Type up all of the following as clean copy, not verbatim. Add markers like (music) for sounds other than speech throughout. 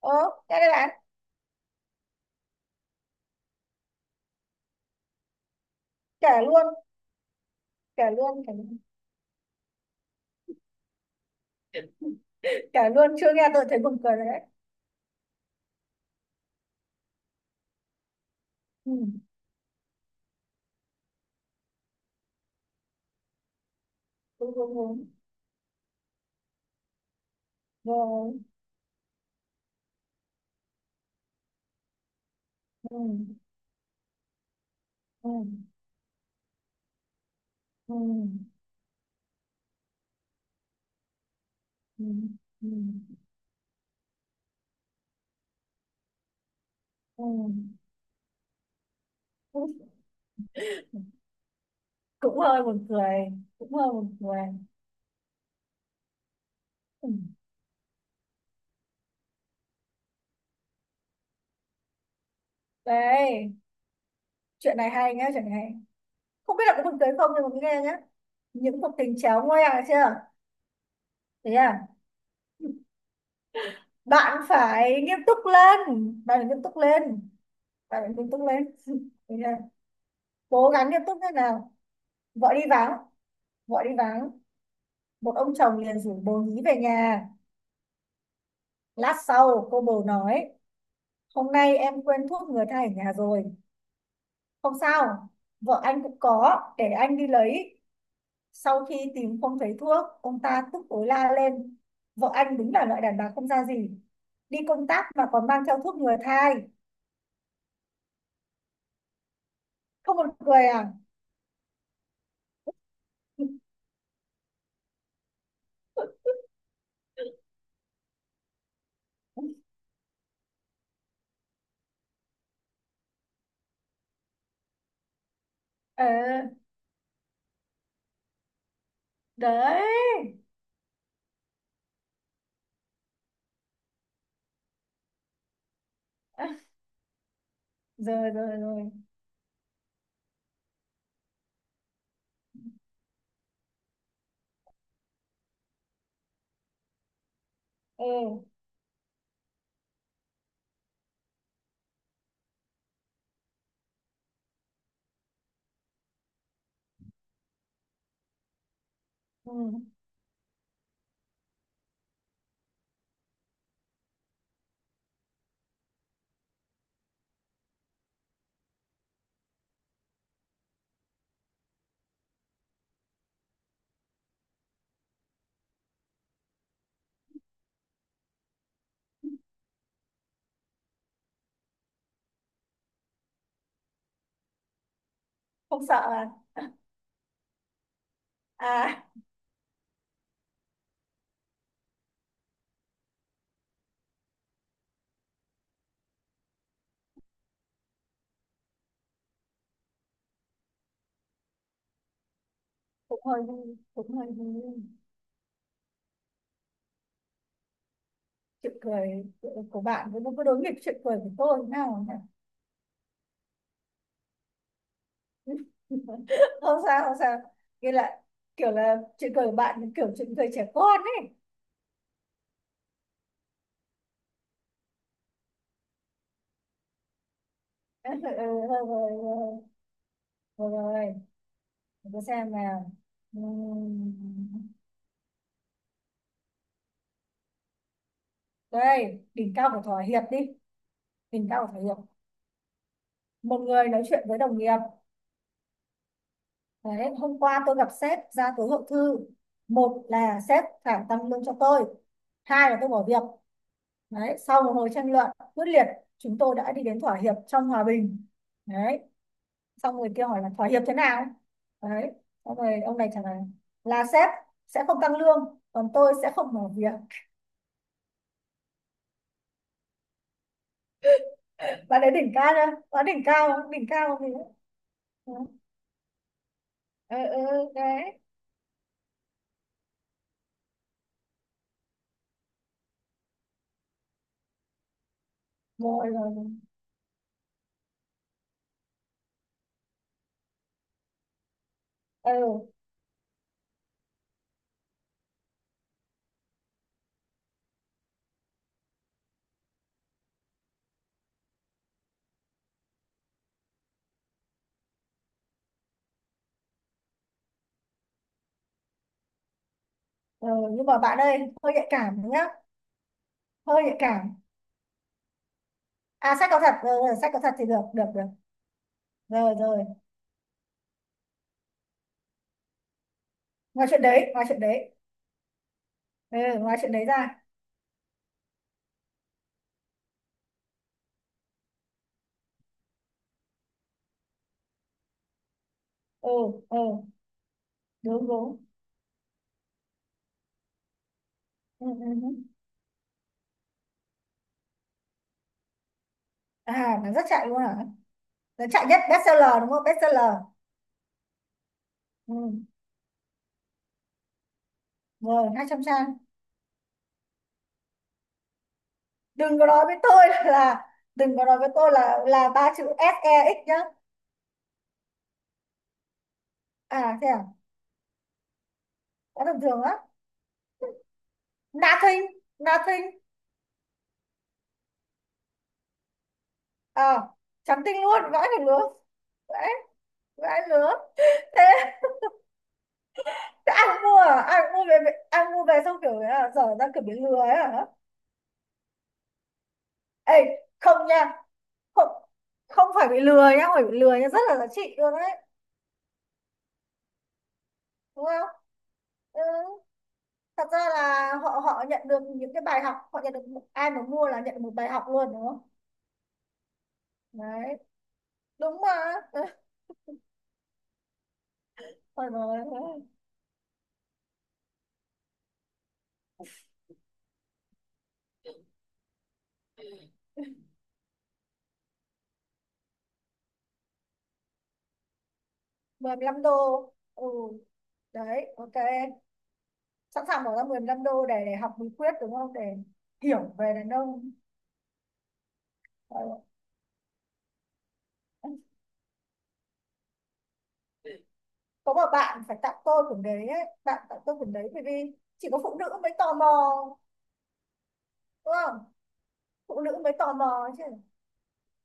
Ồ, nghe đây bạn, kể luôn, kể luôn, kể, luôn kể luôn, chưa nghe tôi thấy buồn cười rồi đấy. Ừ, đúng, đúng, đúng. Rồi, ừ, ừ, ừ, ừ, ừ, ừ. Cũng, cũng hơi buồn cười, cũng hơi buồn cười. Ừ. Đây, chuyện này hay nhá, chuyện này hay. Không biết là có buồn cười không nhưng mà cứ nghe nhá. Những cuộc tình chéo ngoe được chưa? Thế à, bạn phải nghiêm túc lên, bạn phải nghiêm túc lên, bạn phải nghiêm túc lên. (laughs) Thế à, cố gắng nghiêm túc thế nào, vợ đi vắng, gọi đi vắng, một ông chồng liền rủ bồ nhí về nhà. Lát sau, cô bồ nói, hôm nay em quên thuốc ngừa thai ở nhà rồi. Không sao, vợ anh cũng có, để anh đi lấy. Sau khi tìm không thấy thuốc, ông ta tức tối la lên. Vợ anh đúng là loại đàn bà không ra gì. Đi công tác mà còn mang theo thuốc ngừa thai. Không một cười à? (laughs) Ờ, đấy. À, rồi, rồi, rồi. Ừ, ừ. Không sợ à? À, cũng hơi vui, cũng hơi vui. Chuyện cười của bạn với đối nghịch chuyện cười của tôi thế nào nhỉ? (laughs) Không sao, không sao, nghĩa là kiểu là chuyện cười của bạn kiểu chuyện cười trẻ con ấy. (laughs) Ừ, rồi rồi, rồi rồi, tôi xem nào. Đây, đỉnh cao của thỏa hiệp đi, đỉnh cao của thỏa hiệp. Một người nói chuyện với đồng nghiệp. Đấy, hôm qua tôi gặp sếp ra tối hậu thư, một là sếp phải tăng lương cho tôi, hai là tôi bỏ việc. Đấy, sau một hồi tranh luận quyết liệt, chúng tôi đã đi đến thỏa hiệp trong hòa bình. Đấy, xong người kia hỏi là thỏa hiệp thế nào? Đấy, xong rồi ông này trả lời là sếp sẽ không tăng lương, còn tôi sẽ không mở việc. Bạn ấy đỉnh cao chưa? Bạn đỉnh cao gì đấy. Ừ, ừ, đấy. Rồi, rồi, rồi. Ừ, ừ, nhưng mà bạn ơi, hơi nhạy cảm nhá, hơi nhạy cảm. À, sách có thật, rồi, rồi, sách có thật thì được, được, được. Rồi, rồi, ngoài chuyện đấy, ngoài chuyện đấy. Ừ, ngoài chuyện đấy ra. Ừ, ừ, đúng, đúng. Ừ, ừ, ừ. À, nó rất chạy luôn hả? Nó chạy nhất bestseller đúng không? Bestseller. Ừ. Rồi, 200 trang. Đừng có nói với tôi (laughs) là đừng có nói với tôi là ba chữ ét E SEX nhá. À thế à? Quá tầm thường á. Nothing, nothing. À, trắng tinh luôn, vãi được lứa. Vãi, vãi lứa. Thế, thế ai cũng mua à? Ai cũng mua về, ai cũng mua về xong kiểu là dở ra kiểu bị lừa ấy hả? Ê, không nha. Không, không phải bị lừa nhá, không phải bị lừa nhá, rất là giá trị luôn đấy. Đúng không? Ừ. Thật ra là họ họ nhận được những cái bài học, họ nhận được ai mà mua là nhận được một bài học luôn đúng không? Đấy, đúng mà. (laughs) Ôi rồi, 15 đô, ừ, đấy, ok, sẵn sàng bỏ ra 15 đô để học bí quyết đúng không, để hiểu về đàn ông. Ờ, có một bạn phải tặng tôi quyển đấy ấy. Bạn tặng tôi quyển đấy bởi vì chỉ có phụ nữ mới tò mò, đúng không, phụ nữ mới tò mò chứ.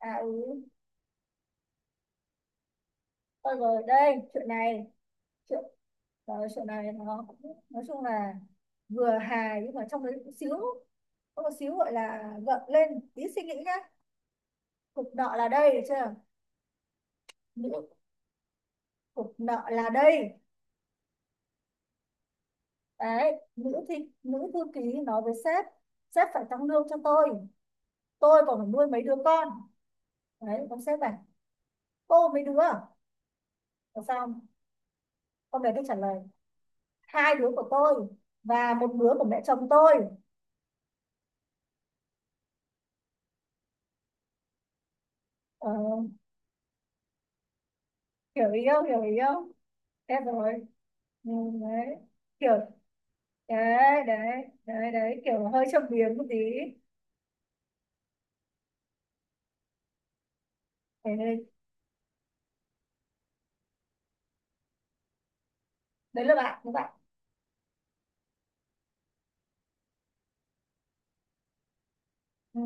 À, ừ, ôi rồi đây chuyện này, chuyện rồi chuyện này nó cũng- nói chung là vừa hài nhưng mà trong đấy cũng xíu, có một xíu gọi là gợn lên tí suy nghĩ nhá. Cục nợ là đây được chưa? Nữ, cục nợ là đây. Đấy, nữ thi, nữ thư ký nói với sếp, sếp phải tăng lương cho tôi còn phải nuôi mấy đứa con. Đấy, ông sếp bảo, cô mấy đứa làm sao? Con bé tôi trả lời, hai đứa của tôi và một đứa của mẹ chồng tôi. Ờ, hiểu ý không, hiểu ý không em, rồi. Ừ, đấy kiểu, đấy đấy đấy đấy, kiểu hơi châm biếm một tí. Đấy, đấy. Đấy là bạn các bạn. Ừ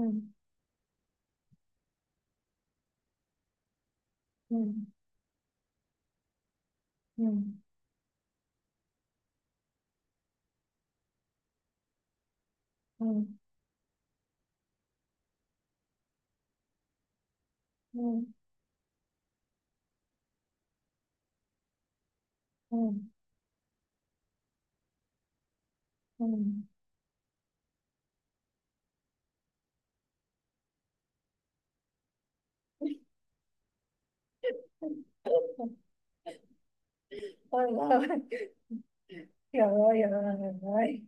ừ ừ, ừ ừ ừ, ừ. Ôi, ôi, hiểu rồi, hiểu rồi, hiểu rồi.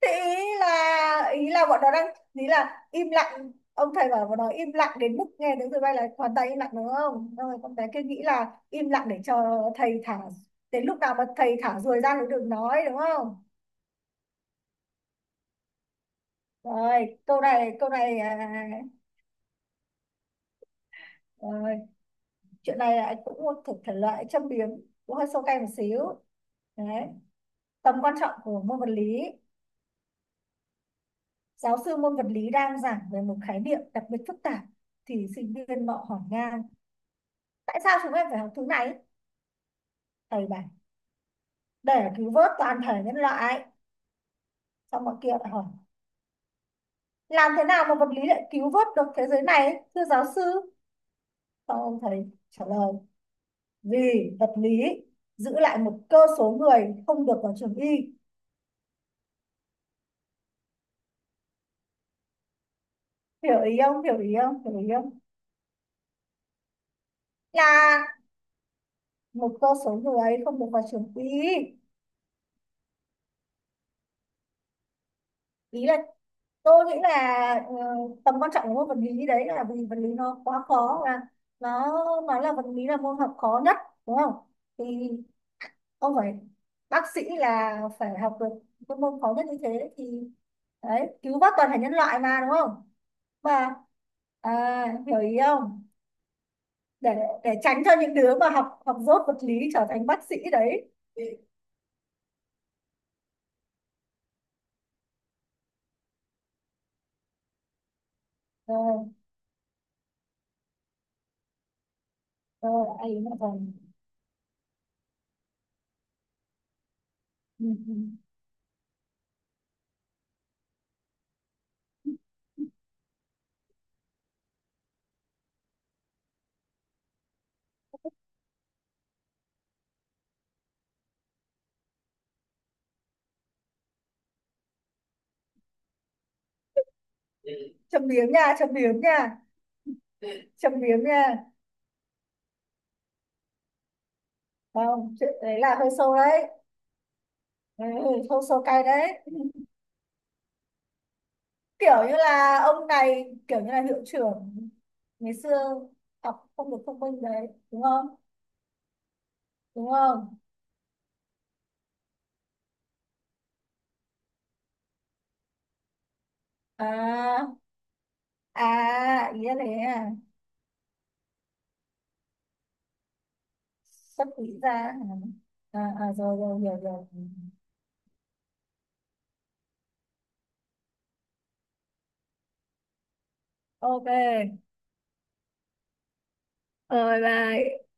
Thế, ý là bọn nó đang, ý là im lặng, ông thầy bảo bọn nó im lặng đến mức nghe tiếng tụi bay là hoàn toàn im lặng đúng không, xong rồi con bé kia nghĩ là im lặng để cho thầy thả, đến lúc nào mà thầy thả ruồi ra thì đừng nói, đúng không? Rồi câu này, câu này à, à, à, rồi chuyện này là anh cũng một thuộc thể loại châm biếm, cũng hơi sâu cay một xíu. Đấy, tầm quan trọng của môn vật lý. Giáo sư môn vật lý đang giảng về một khái niệm đặc biệt phức tạp thì sinh viên nọ hỏi ngang, tại sao chúng em phải học thứ này? Thầy bảo, để cứu vớt toàn thể nhân loại. Xong mọi kia lại hỏi, làm thế nào mà vật lý lại cứu vớt được thế giới này thưa giáo sư? Xong ông thầy trả lời, vì vật lý giữ lại một cơ số người không được vào trường y. Hiểu ý không, hiểu ý không, hiểu ý không? Là một cơ số người không được vào trường y. Ý là tôi nghĩ là tầm quan trọng của môn vật lý đấy là vì vật lý nó quá khó và nó nó là vật lý là môn học khó nhất đúng không? Thì ông phải, bác sĩ là phải học được cái môn khó nhất như thế thì đấy cứu vớt toàn thể nhân loại mà, đúng không mà? À, hiểu ý không, để để tránh cho những đứa mà học học dốt vật lý trở thành bác sĩ đấy. Ờ ờ, ấy nó còn, ừ, ừ. Châm biếm nha, châm biếm nha, châm biếm nha. Không, chuyện đấy là hơi sâu đấy. Đấy, hơi sâu cay đấy. Kiểu như là ông này kiểu như là hiệu trưởng ngày xưa học không được thông minh đấy, đúng không, đúng không? À, à, ý là thế à, sắp nghĩ ra à, à, à, rồi rồi hiểu rồi, ok, rồi bye.